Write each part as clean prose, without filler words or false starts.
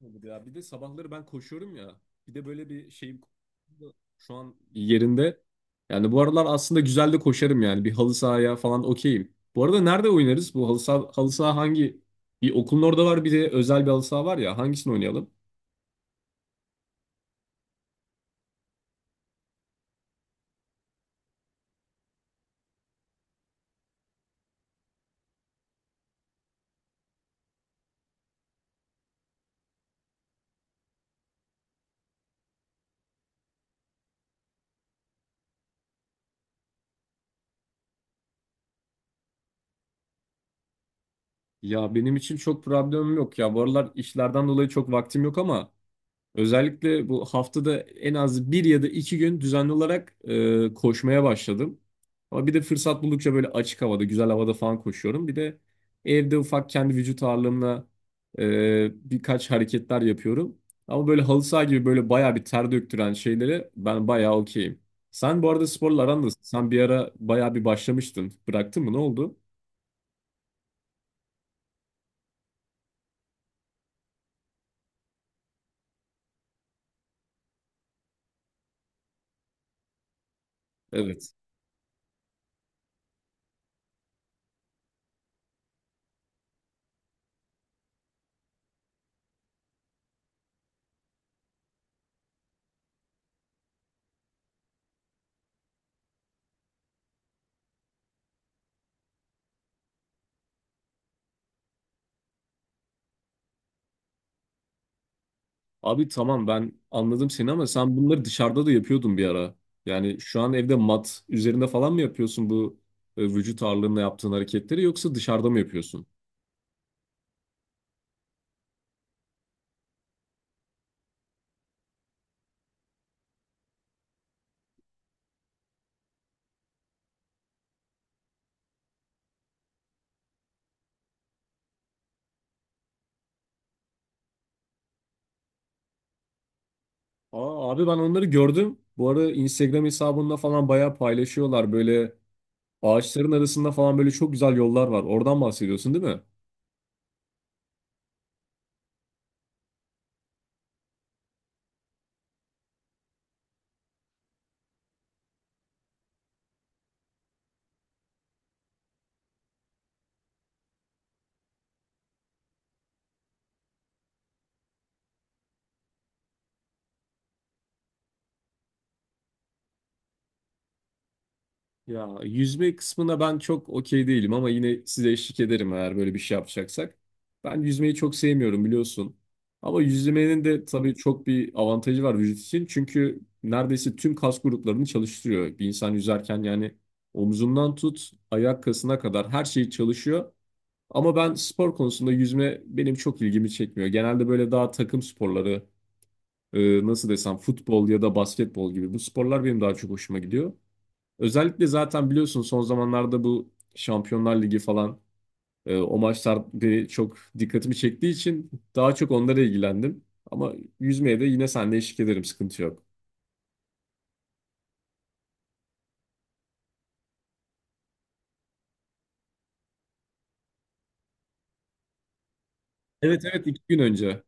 Olur ya. Bir de sabahları ben koşuyorum ya. Bir de böyle bir şeyim şu an yerinde. Yani bu aralar aslında güzel de koşarım yani. Bir halı sahaya falan okeyim. Bu arada nerede oynarız? Bu halı saha hangi? Bir okulun orada var, bir de özel bir halı saha var ya. Hangisini oynayalım? Ya benim için çok problemim yok ya. Bu aralar işlerden dolayı çok vaktim yok ama özellikle bu haftada en az 1 ya da 2 gün düzenli olarak koşmaya başladım. Ama bir de fırsat buldukça böyle açık havada, güzel havada falan koşuyorum. Bir de evde ufak kendi vücut ağırlığımla birkaç hareketler yapıyorum. Ama böyle halı saha gibi böyle bayağı bir ter döktüren şeylere ben bayağı okeyim. Sen bu arada sporla aran nasıl? Sen bir ara bayağı bir başlamıştın. Bıraktın mı? Ne oldu? Evet. Abi tamam, ben anladım seni ama sen bunları dışarıda da yapıyordun bir ara. Yani şu an evde mat üzerinde falan mı yapıyorsun bu vücut ağırlığında yaptığın hareketleri, yoksa dışarıda mı yapıyorsun? Aa, abi ben onları gördüm. Bu ara Instagram hesabında falan bayağı paylaşıyorlar. Böyle ağaçların arasında falan böyle çok güzel yollar var. Oradan bahsediyorsun, değil mi? Ya yüzme kısmına ben çok okey değilim ama yine size eşlik ederim eğer böyle bir şey yapacaksak. Ben yüzmeyi çok sevmiyorum biliyorsun. Ama yüzmenin de tabii çok bir avantajı var vücut için. Çünkü neredeyse tüm kas gruplarını çalıştırıyor. Bir insan yüzerken yani omzundan tut ayak kasına kadar her şey çalışıyor. Ama ben spor konusunda yüzme benim çok ilgimi çekmiyor. Genelde böyle daha takım sporları, nasıl desem, futbol ya da basketbol gibi bu sporlar benim daha çok hoşuma gidiyor. Özellikle zaten biliyorsun, son zamanlarda bu Şampiyonlar Ligi falan, o maçlar beni çok dikkatimi çektiği için daha çok onlara ilgilendim. Ama yüzmeye de yine seninle eşlik ederim, sıkıntı yok. Evet evet, 2 gün önce.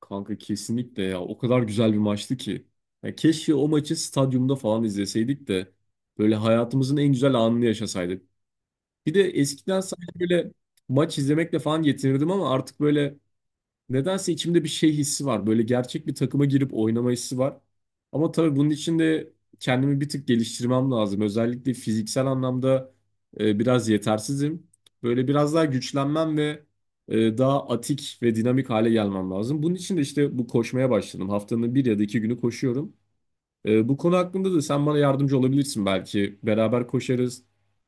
Kanka kesinlikle ya, o kadar güzel bir maçtı ki. Ya keşke o maçı stadyumda falan izleseydik de böyle hayatımızın en güzel anını yaşasaydık. Bir de eskiden sadece böyle maç izlemekle falan yetinirdim ama artık böyle, nedense içimde bir şey hissi var. Böyle gerçek bir takıma girip oynama hissi var. Ama tabii bunun için de kendimi bir tık geliştirmem lazım. Özellikle fiziksel anlamda biraz yetersizim. Böyle biraz daha güçlenmem ve daha atik ve dinamik hale gelmem lazım. Bunun için de işte bu koşmaya başladım. Haftanın 1 ya da 2 günü koşuyorum. Bu konu hakkında da sen bana yardımcı olabilirsin belki. Beraber koşarız.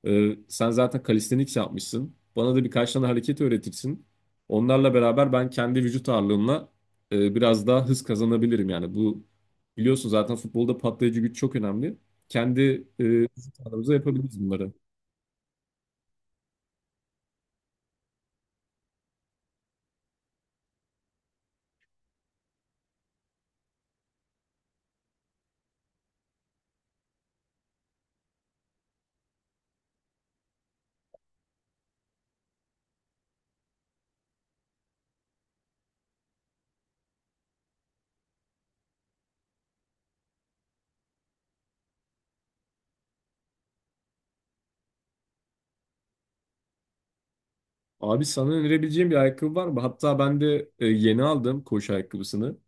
Sen zaten calisthenics yapmışsın. Bana da birkaç tane hareket öğretirsin. Onlarla beraber ben kendi vücut ağırlığımla biraz daha hız kazanabilirim. Yani bu, biliyorsun zaten futbolda patlayıcı güç çok önemli. Kendi vücut ağırlığımıza yapabiliriz bunları. Abi, sana önerebileceğim bir ayakkabı var mı? Hatta ben de yeni aldım koşu ayakkabısını.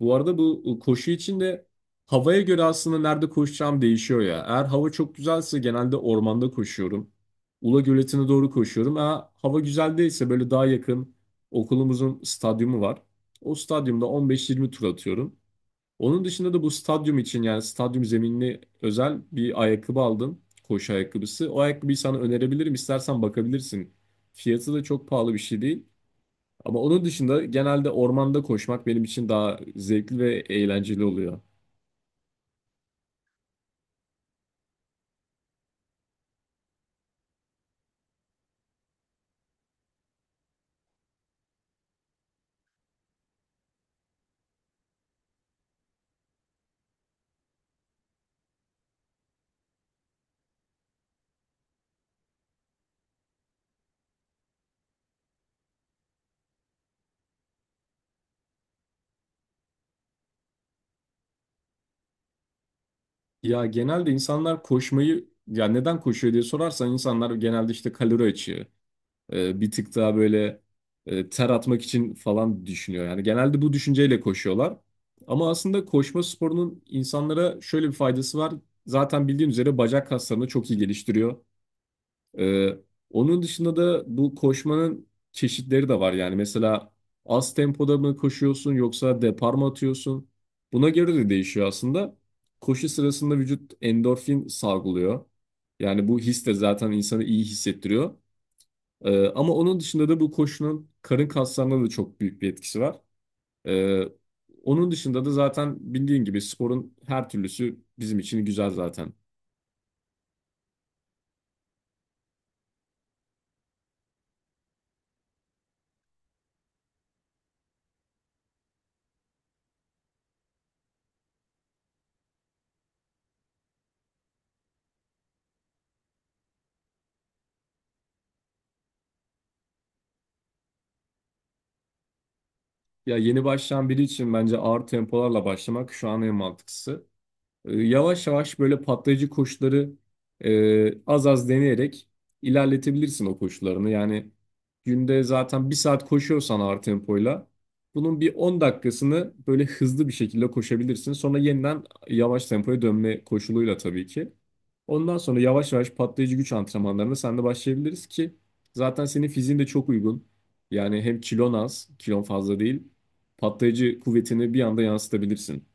Bu arada bu koşu için de havaya göre aslında nerede koşacağım değişiyor ya. Eğer hava çok güzelse genelde ormanda koşuyorum. Ula Göleti'ne doğru koşuyorum. Eğer hava güzel değilse böyle daha yakın okulumuzun stadyumu var. O stadyumda 15-20 tur atıyorum. Onun dışında da bu stadyum için yani stadyum zeminli özel bir ayakkabı aldım. Koşu ayakkabısı. O ayakkabıyı sana önerebilirim. İstersen bakabilirsin. Fiyatı da çok pahalı bir şey değil. Ama onun dışında genelde ormanda koşmak benim için daha zevkli ve eğlenceli oluyor. Ya genelde insanlar koşmayı, ya neden koşuyor diye sorarsan, insanlar genelde işte kalori açığı, bir tık daha böyle ter atmak için falan düşünüyor. Yani genelde bu düşünceyle koşuyorlar. Ama aslında koşma sporunun insanlara şöyle bir faydası var. Zaten bildiğin üzere bacak kaslarını çok iyi geliştiriyor. Ee, Onun dışında da bu koşmanın çeşitleri de var. Yani mesela az tempoda mı koşuyorsun, yoksa depar mı atıyorsun? Buna göre de değişiyor aslında. Koşu sırasında vücut endorfin salgılıyor. Yani bu his de zaten insanı iyi hissettiriyor. Ama onun dışında da bu koşunun karın kaslarına da çok büyük bir etkisi var. Ee, Onun dışında da zaten bildiğin gibi sporun her türlüsü bizim için güzel zaten. Ya yeni başlayan biri için bence ağır tempolarla başlamak şu an en mantıklısı. Yavaş yavaş böyle patlayıcı koşuları az az deneyerek ilerletebilirsin o koşularını. Yani günde zaten 1 saat koşuyorsan ağır tempoyla bunun bir 10 dakikasını böyle hızlı bir şekilde koşabilirsin. Sonra yeniden yavaş tempoya dönme koşuluyla tabii ki. Ondan sonra yavaş yavaş patlayıcı güç antrenmanlarına sen de başlayabiliriz ki zaten senin fiziğin de çok uygun. Yani hem kilon az, kilon fazla değil. Patlayıcı kuvvetini bir anda yansıtabilirsin.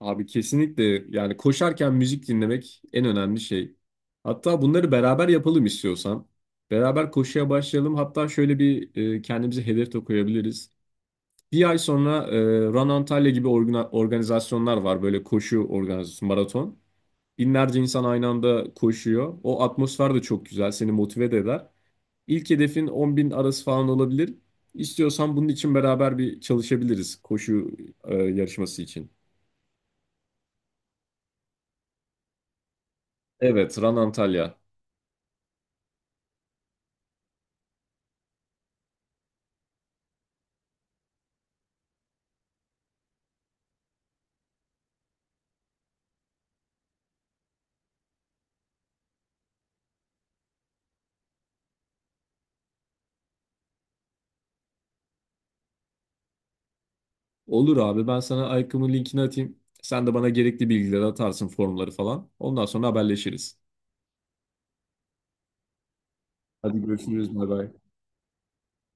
Abi kesinlikle, yani koşarken müzik dinlemek en önemli şey. Hatta bunları beraber yapalım istiyorsan. Beraber koşuya başlayalım. Hatta şöyle bir kendimize hedef de koyabiliriz. 1 ay sonra Run Antalya gibi organizasyonlar var. Böyle koşu organizasyonu, maraton. Binlerce insan aynı anda koşuyor. O atmosfer de çok güzel. Seni motive de eder. İlk hedefin 10 bin arası falan olabilir. İstiyorsan bunun için beraber bir çalışabiliriz koşu yarışması için. Evet, Run Antalya. Olur abi, ben sana Aykım'ın linkini atayım. Sen de bana gerekli bilgileri atarsın, formları falan. Ondan sonra haberleşiriz. Hadi görüşürüz. Bay bay.